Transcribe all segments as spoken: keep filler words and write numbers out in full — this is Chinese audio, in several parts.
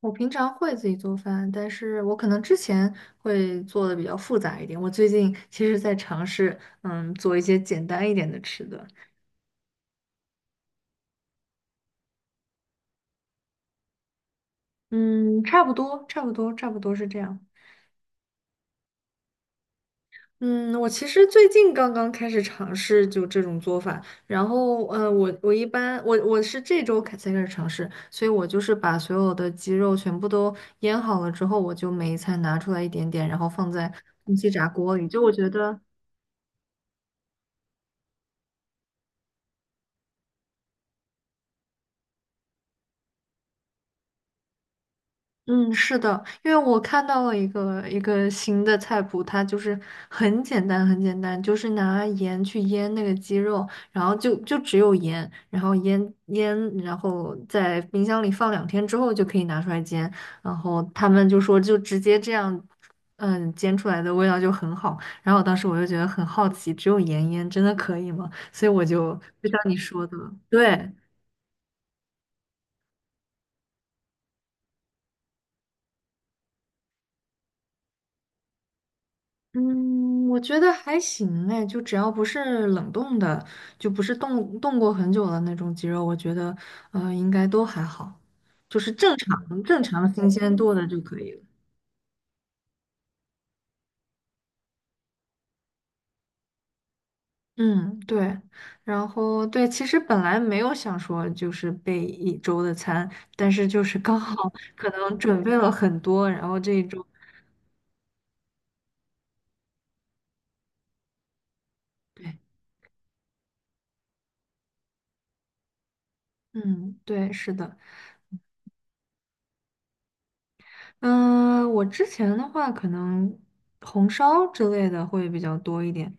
我平常会自己做饭，但是我可能之前会做的比较复杂一点。我最近其实在尝试，嗯，做一些简单一点的吃的。嗯，差不多，差不多，差不多是这样。嗯，我其实最近刚刚开始尝试就这种做法，然后呃，我我一般我我是这周开才开始尝试，所以我就是把所有的鸡肉全部都腌好了之后，我就每一餐拿出来一点点，然后放在空气炸锅里。就我觉得。嗯，是的，因为我看到了一个一个新的菜谱，它就是很简单，很简单，就是拿盐去腌那个鸡肉，然后就就只有盐，然后腌腌，然后在冰箱里放两天之后就可以拿出来煎，然后他们就说就直接这样，嗯，煎出来的味道就很好，然后当时我就觉得很好奇，只有盐腌真的可以吗？所以我就就像你说的，对，嗯，我觉得还行哎，就只要不是冷冻的，就不是冻冻过很久的那种鸡肉，我觉得呃应该都还好，就是正常正常新鲜度的就可以了。嗯，对，然后对，其实本来没有想说就是备一周的餐，但是就是刚好 可能准备了很多，然后这一周，对，嗯，对，是的，嗯，我之前的话可能红烧之类的会比较多一点。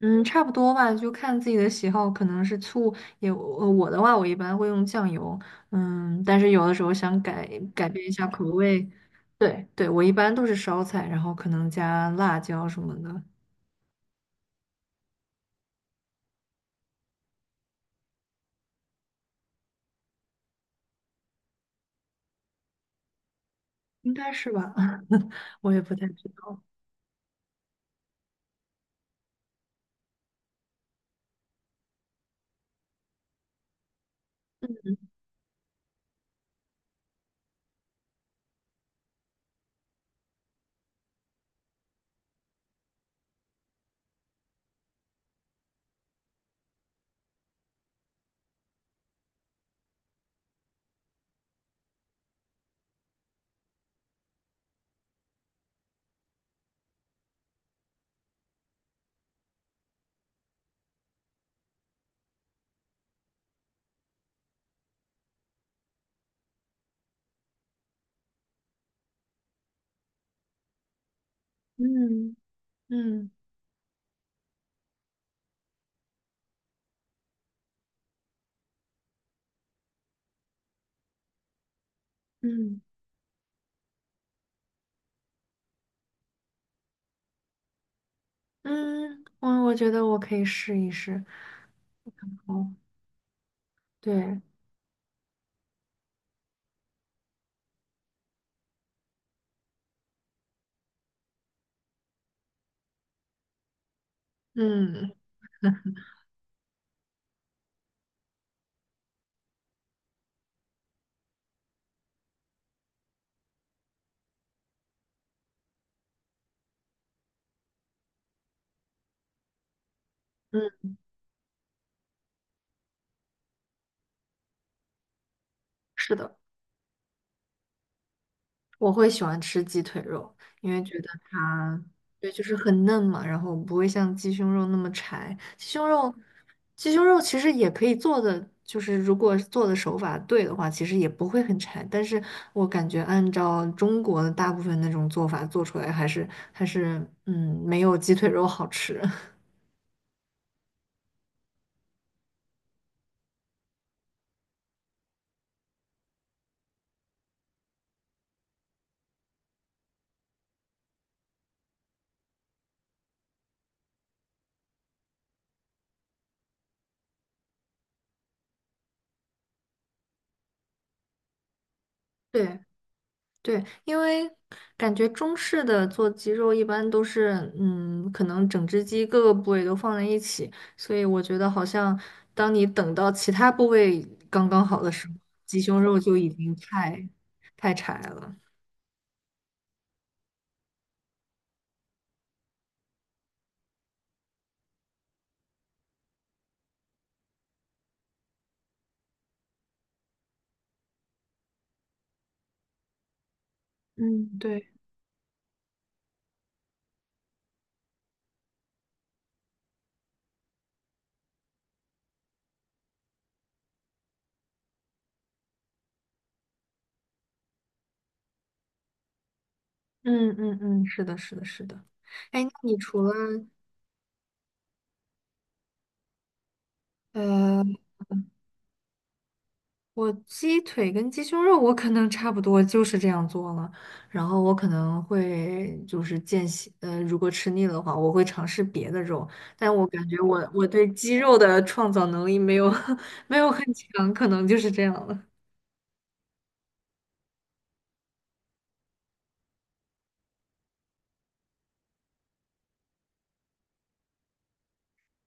嗯，差不多吧，就看自己的喜好，可能是醋也，呃我的话，我一般会用酱油，嗯，但是有的时候想改改变一下口味，对对，我一般都是烧菜，然后可能加辣椒什么的，应该是吧，我也不太知道。嗯嗯嗯嗯，我我觉得我可以试一试。哦，对，嗯嗯，是的。我会喜欢吃鸡腿肉，因为觉得它，对，就是很嫩嘛，然后不会像鸡胸肉那么柴。鸡胸肉，鸡胸肉其实也可以做的，就是如果做的手法对的话，其实也不会很柴。但是我感觉按照中国的大部分那种做法做出来，还是还是嗯，没有鸡腿肉好吃。对。对，因为感觉中式的做鸡肉一般都是，嗯，可能整只鸡各个部位都放在一起，所以我觉得好像当你等到其他部位刚刚好的时候，鸡胸肉就已经太太柴了。嗯，对。嗯嗯嗯，是的，是的，是的。哎，那你除了呃我鸡腿跟鸡胸肉，我可能差不多就是这样做了。然后我可能会就是间歇，呃，如果吃腻了的话，我会尝试别的肉。但我感觉我我对鸡肉的创造能力没有 没有很强，可能就是这样了。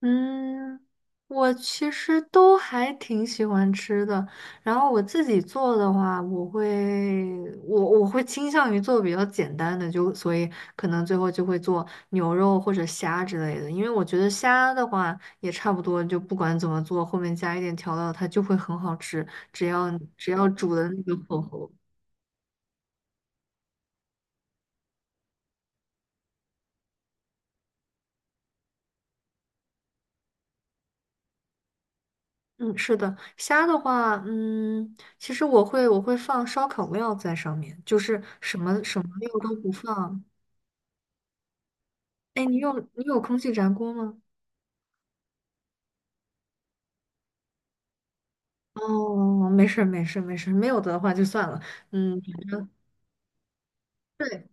嗯，我其实都还挺喜欢吃的。然后我自己做的话，我会我我会倾向于做比较简单的，就所以可能最后就会做牛肉或者虾之类的。因为我觉得虾的话也差不多，就不管怎么做，后面加一点调料，它就会很好吃。只要只要煮的那个火候。嗯，是的，虾的话，嗯，其实我会我会放烧烤料在上面，就是什么什么料都不放，哎，你有你有空气炸锅吗？哦，没事儿没事儿没事儿没有的话就算了。嗯，反正对，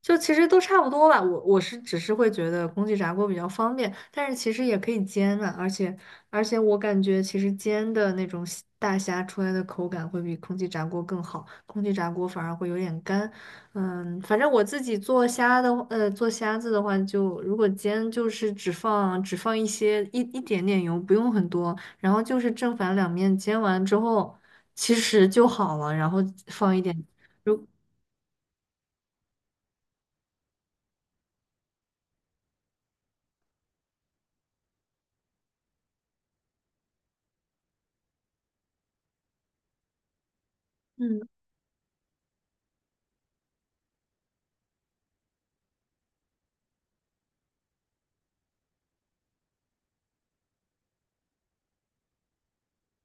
就其实都差不多吧，我我是只是会觉得空气炸锅比较方便，但是其实也可以煎啊，而且而且我感觉其实煎的那种虾大虾出来的口感会比空气炸锅更好，空气炸锅反而会有点干。嗯，反正我自己做虾的话呃，做虾子的话就，如果煎就是只放只放一些一一点点油，不用很多，然后就是正反两面煎完之后，其实就好了，然后放一点，如嗯。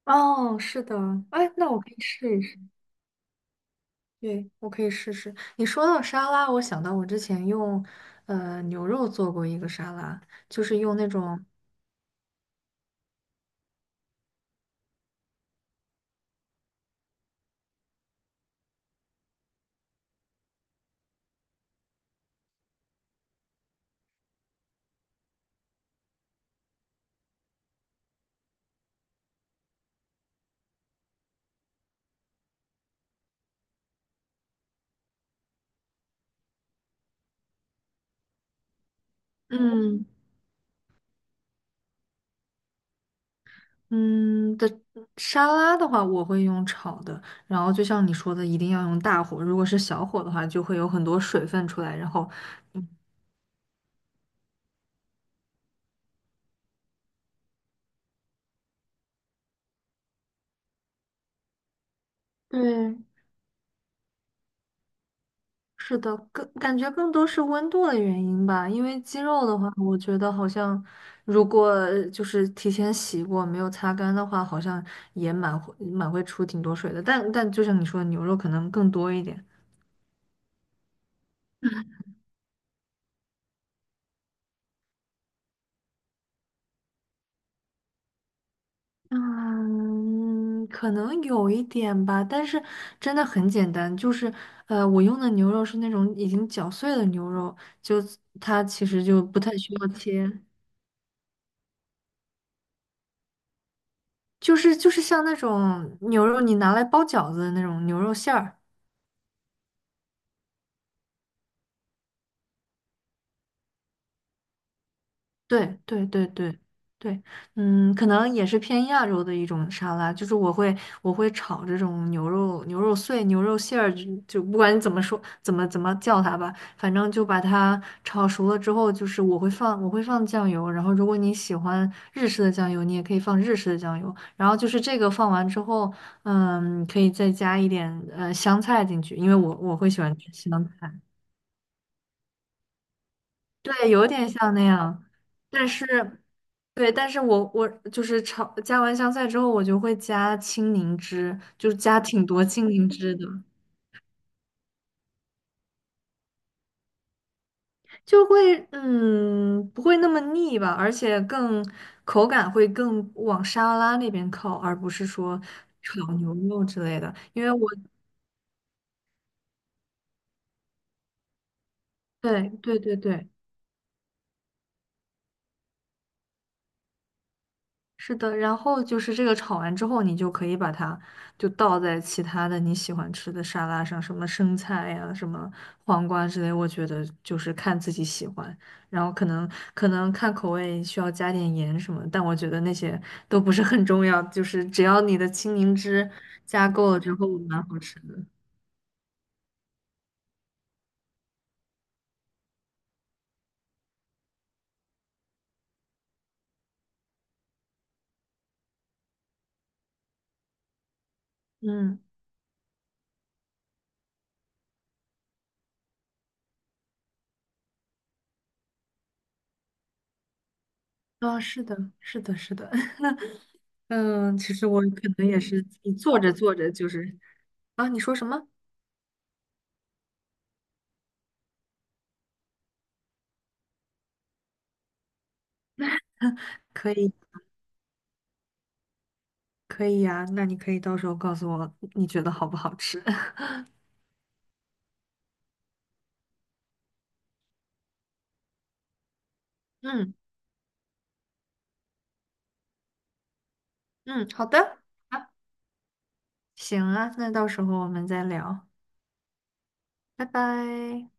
哦，是的，哎，那我可以试一试，对，我可以试试。你说到沙拉，我想到我之前用呃牛肉做过一个沙拉，就是用那种嗯嗯的沙拉的话，我会用炒的，然后就像你说的，一定要用大火，如果是小火的话，就会有很多水分出来，然后对。是的，更感觉更多是温度的原因吧，因为鸡肉的话，我觉得好像如果就是提前洗过没有擦干的话，好像也蛮会蛮会出挺多水的。但但就像你说的，牛肉可能更多一点。嗯，可能有一点吧，但是真的很简单，就是呃，我用的牛肉是那种已经绞碎的牛肉，就它其实就不太需要切，就是就是像那种牛肉你拿来包饺子的那种牛肉馅儿。对对对对对，嗯，可能也是偏亚洲的一种沙拉，就是我会我会炒这种牛肉牛肉碎、牛肉馅儿，就就不管你怎么说怎么怎么叫它吧，反正就把它炒熟了之后，就是我会放我会放酱油，然后如果你喜欢日式的酱油，你也可以放日式的酱油，然后就是这个放完之后，嗯，可以再加一点呃香菜进去，因为我我会喜欢吃香菜。对，有点像那样，但是，对，但是我我就是炒加完香菜之后，我就会加青柠汁，就是加挺多青柠汁的，就会嗯不会那么腻吧，而且更口感会更往沙拉那边靠，而不是说炒牛肉之类的，因为我对对对对，是的，然后就是这个炒完之后，你就可以把它就倒在其他的你喜欢吃的沙拉上，什么生菜呀、什么黄瓜之类，我觉得就是看自己喜欢，然后可能可能看口味需要加点盐什么，但我觉得那些都不是很重要，就是只要你的青柠汁加够了之后，蛮好吃的。嗯，啊、是的，是的，是的，嗯，其实我可能也是自己做着做着就是啊，你说什么？可以。可以呀，那你可以到时候告诉我你觉得好不好吃。嗯嗯，好的，啊，行啊，那到时候我们再聊，拜拜。